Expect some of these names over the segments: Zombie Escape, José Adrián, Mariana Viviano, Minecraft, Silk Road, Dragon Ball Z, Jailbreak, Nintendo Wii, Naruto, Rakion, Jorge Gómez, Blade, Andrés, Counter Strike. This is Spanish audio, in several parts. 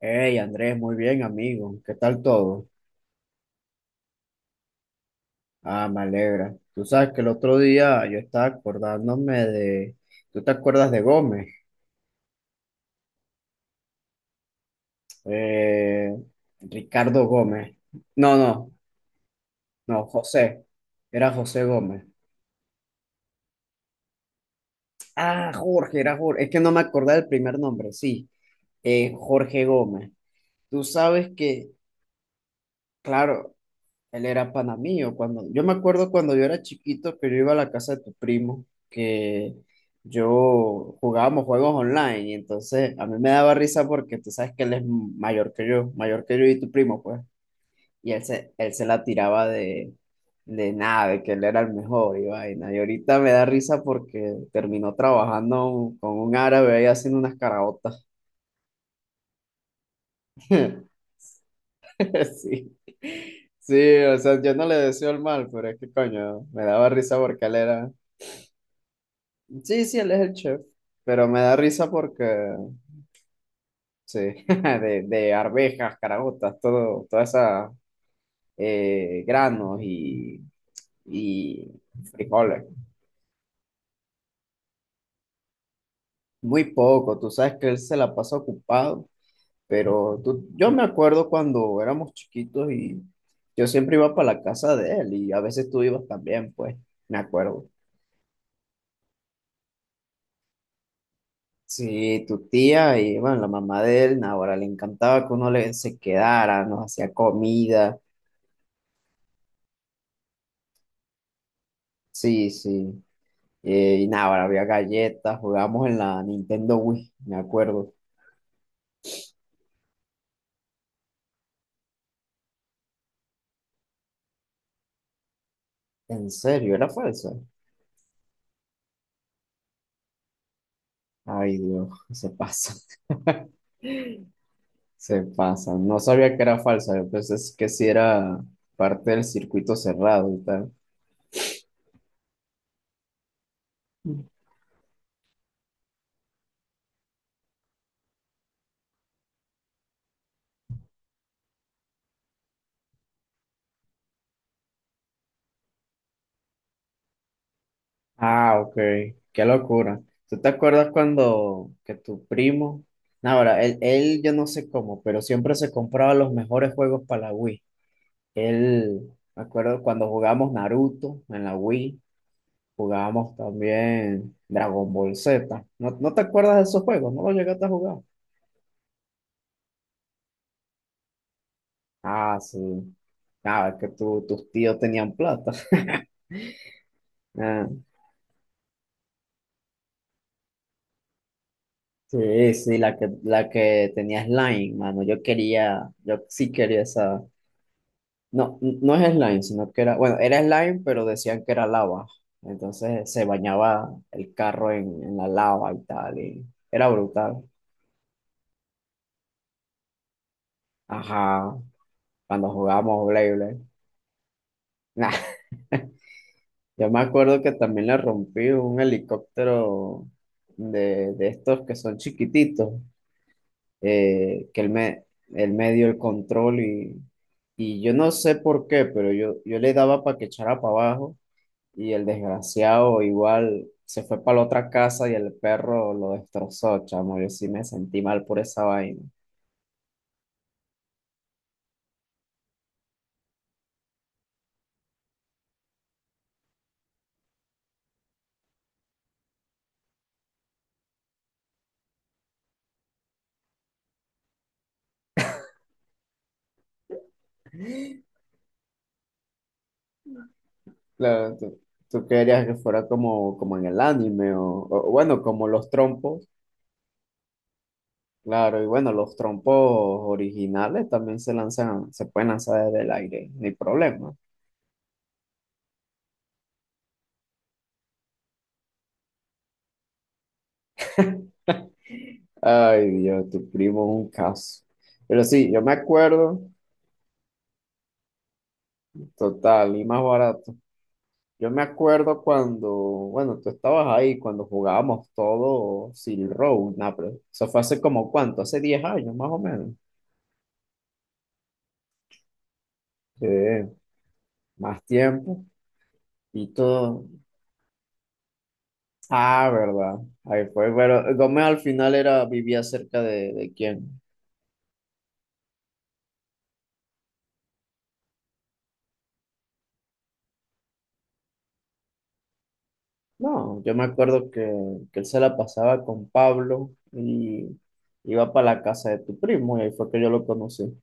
Hey Andrés, muy bien amigo, ¿qué tal todo? Ah, me alegra. Tú sabes que el otro día yo estaba acordándome de, ¿tú te acuerdas de Gómez? Eh, Ricardo Gómez. No, no, no, José. Era José Gómez. Ah, Jorge, era Jorge. Es que no me acordaba del primer nombre, sí. Jorge Gómez. Tú sabes que, claro, él era panamío cuando yo me acuerdo cuando yo era chiquito que yo iba a la casa de tu primo, que yo jugábamos juegos online, y entonces a mí me daba risa porque tú sabes que él es mayor que yo y tu primo, pues, y él se la tiraba de nada, de que él era el mejor y vaina. Y ahorita me da risa porque terminó trabajando con un árabe ahí haciendo unas caraotas. Sí. Sí, o sea, yo no le deseo el mal, pero es que coño, me daba risa porque él era. Sí, sí, él es el chef, pero me da risa porque, sí, de arvejas, caraotas, todo, toda esa granos y frijoles. Muy poco, tú sabes que él se la pasa ocupado, pero tú, yo me acuerdo cuando éramos chiquitos y yo siempre iba para la casa de él, y a veces tú ibas también, pues, me acuerdo. Sí, tu tía y bueno, la mamá de él, ahora le encantaba que se quedara, nos hacía comida. Sí, sí. Y nada, ahora había galletas, jugábamos en la Nintendo Wii, me acuerdo. ¿En serio? ¿Era falsa? Ay, Dios, se pasa, se pasa. No sabía que era falsa, yo pensé que sí era parte del circuito cerrado y tal. Ah, ok, qué locura. ¿Tú te acuerdas cuando que tu primo, no, ahora, él yo no sé cómo, pero siempre se compraba los mejores juegos para la Wii. Él, me acuerdo cuando jugamos Naruto en la Wii. Jugábamos también Dragon Ball Z. No te acuerdas de esos juegos? ¿No los llegaste a jugar? Ah, sí. Ah, es que tus tíos tenían plata. Ah, sí, sí, la que tenía slime, mano. Yo quería, yo sí quería esa. No, no es slime, sino que era, bueno, era slime, pero decían que era lava. Entonces se bañaba el carro en la lava y tal, y era brutal. Ajá, cuando jugábamos Blade Blade. Nah. Yo me acuerdo que también le rompí un helicóptero de estos que son chiquititos, que él me dio el control y yo no sé por qué, pero yo le daba para que echara para abajo, y el desgraciado igual se fue para la otra casa y el perro lo destrozó, chamo. Yo sí me sentí mal por esa vaina. Claro, tú querías que fuera como en el anime o bueno, como los trompos. Claro, y bueno, los trompos originales también se lanzan, se pueden lanzar desde el aire, no hay problema. Ay, Dios, tu primo es un caso. Pero sí, yo me acuerdo, total, y más barato. Yo me acuerdo cuando, bueno, tú estabas ahí, cuando jugábamos todo Silk Road, nah, pero eso fue hace como cuánto, hace 10 años más o menos. Sí, más tiempo y todo. Ah, verdad. Ahí fue, pero Gómez al final era, vivía cerca de quién. No, yo me acuerdo que él se la pasaba con Pablo y iba para la casa de tu primo, y ahí fue que yo lo conocí.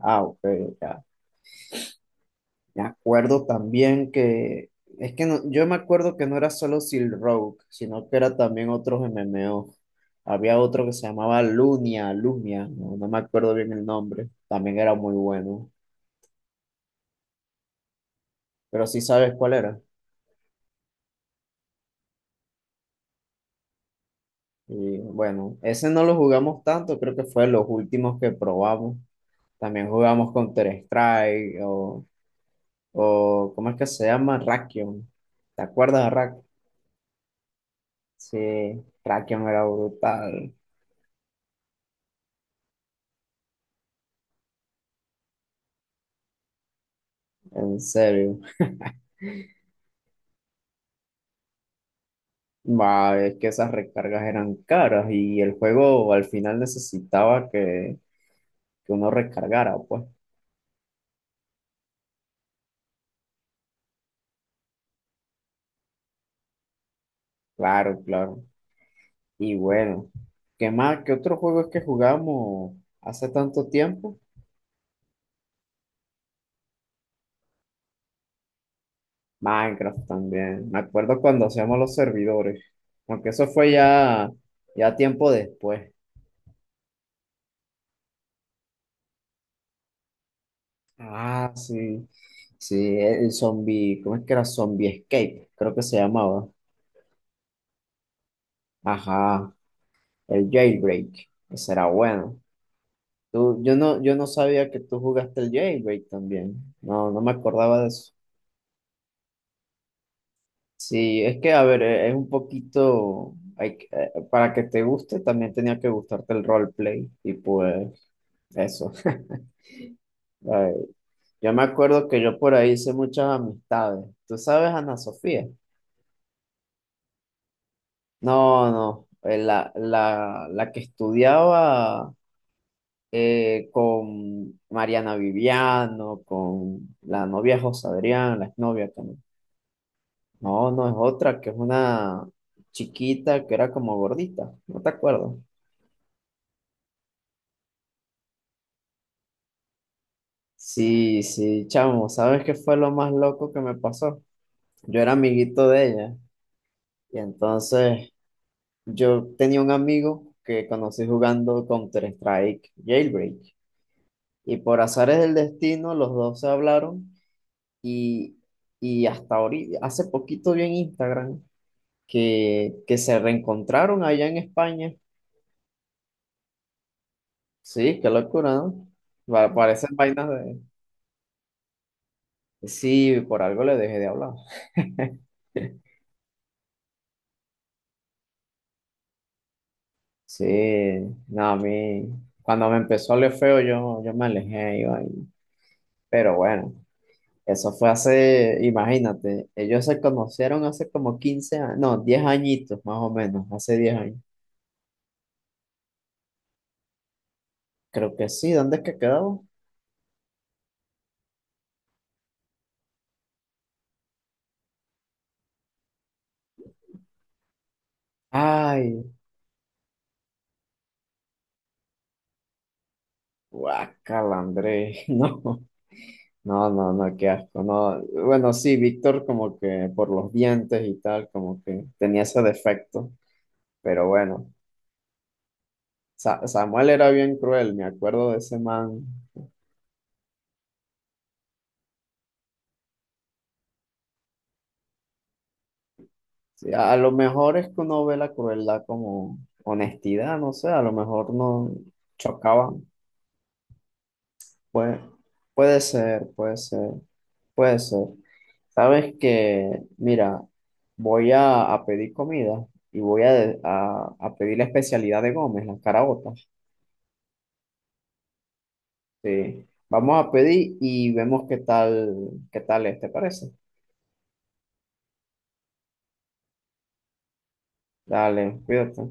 Ah, ok, ya. Me acuerdo también que, es que yo me acuerdo que no era solo Silk Road, sino que era también otros MMO. Había otro que se llamaba Lunia, Lumia, no, no me acuerdo bien el nombre, también era muy bueno, pero sí sabes cuál era. Y bueno, ese no lo jugamos tanto, creo que fue de los últimos que probamos. También jugamos Counter Strike o ¿cómo es que se llama? Rakion. ¿Te acuerdas de Rakion? Sí, Rakion era brutal, en serio. Ma, es que esas recargas eran caras y el juego al final necesitaba que uno recargara, pues. Claro, claro. Y bueno, ¿qué más? ¿Qué otro juego es que jugamos hace tanto tiempo? Minecraft también. Me acuerdo cuando hacíamos los servidores, aunque eso fue ya ya tiempo después. Ah, sí. Sí, el zombie, ¿cómo es que era? Zombie Escape, creo que se llamaba. Ajá, el Jailbreak. Ese era bueno. Tú, yo no sabía que tú jugaste el Jailbreak también. No, no me acordaba de eso. Sí, es que, a ver, es un poquito, para que te guste, también tenía que gustarte el roleplay. Y pues, eso. Ay, yo me acuerdo que yo por ahí hice muchas amistades. ¿Tú sabes, Ana Sofía? No, no, la que estudiaba con Mariana Viviano, con la novia José Adrián, la exnovia también. No, no, es otra, que es una chiquita que era como gordita, no te acuerdo. Sí, sí, chamo, ¿sabes qué fue lo más loco que me pasó? Yo era amiguito de ella y entonces yo tenía un amigo que conocí jugando Counter-Strike Jailbreak. Y por azares del destino, los dos se hablaron y, y hasta ahorita, hace poquito vi en Instagram que se reencontraron allá en España. Sí, qué locura, ¿no? Parecen vainas de... Sí, por algo le dejé de hablar. Sí, no, cuando me empezó a oler feo, yo me alejé, iba ahí. Pero bueno, eso fue hace, imagínate, ellos se conocieron hace como 15 años, no, 10 añitos más o menos, hace 10 años. Creo que sí, ¿dónde es que quedó? Ay, guácala, André, no, no, no, qué asco, no. Bueno, sí, Víctor como que por los dientes y tal, como que tenía ese defecto, pero bueno, Samuel era bien cruel, me acuerdo de ese man. Sí, a lo mejor es que uno ve la crueldad como honestidad, no sé, a lo mejor no chocaban, puede, puede ser, puede ser. Puede ser. Sabes que, mira, a pedir comida y voy a, de- a pedir la especialidad de Gómez, las caraotas. Sí. Vamos a pedir y vemos qué tal es, ¿te parece? Dale, cuídate.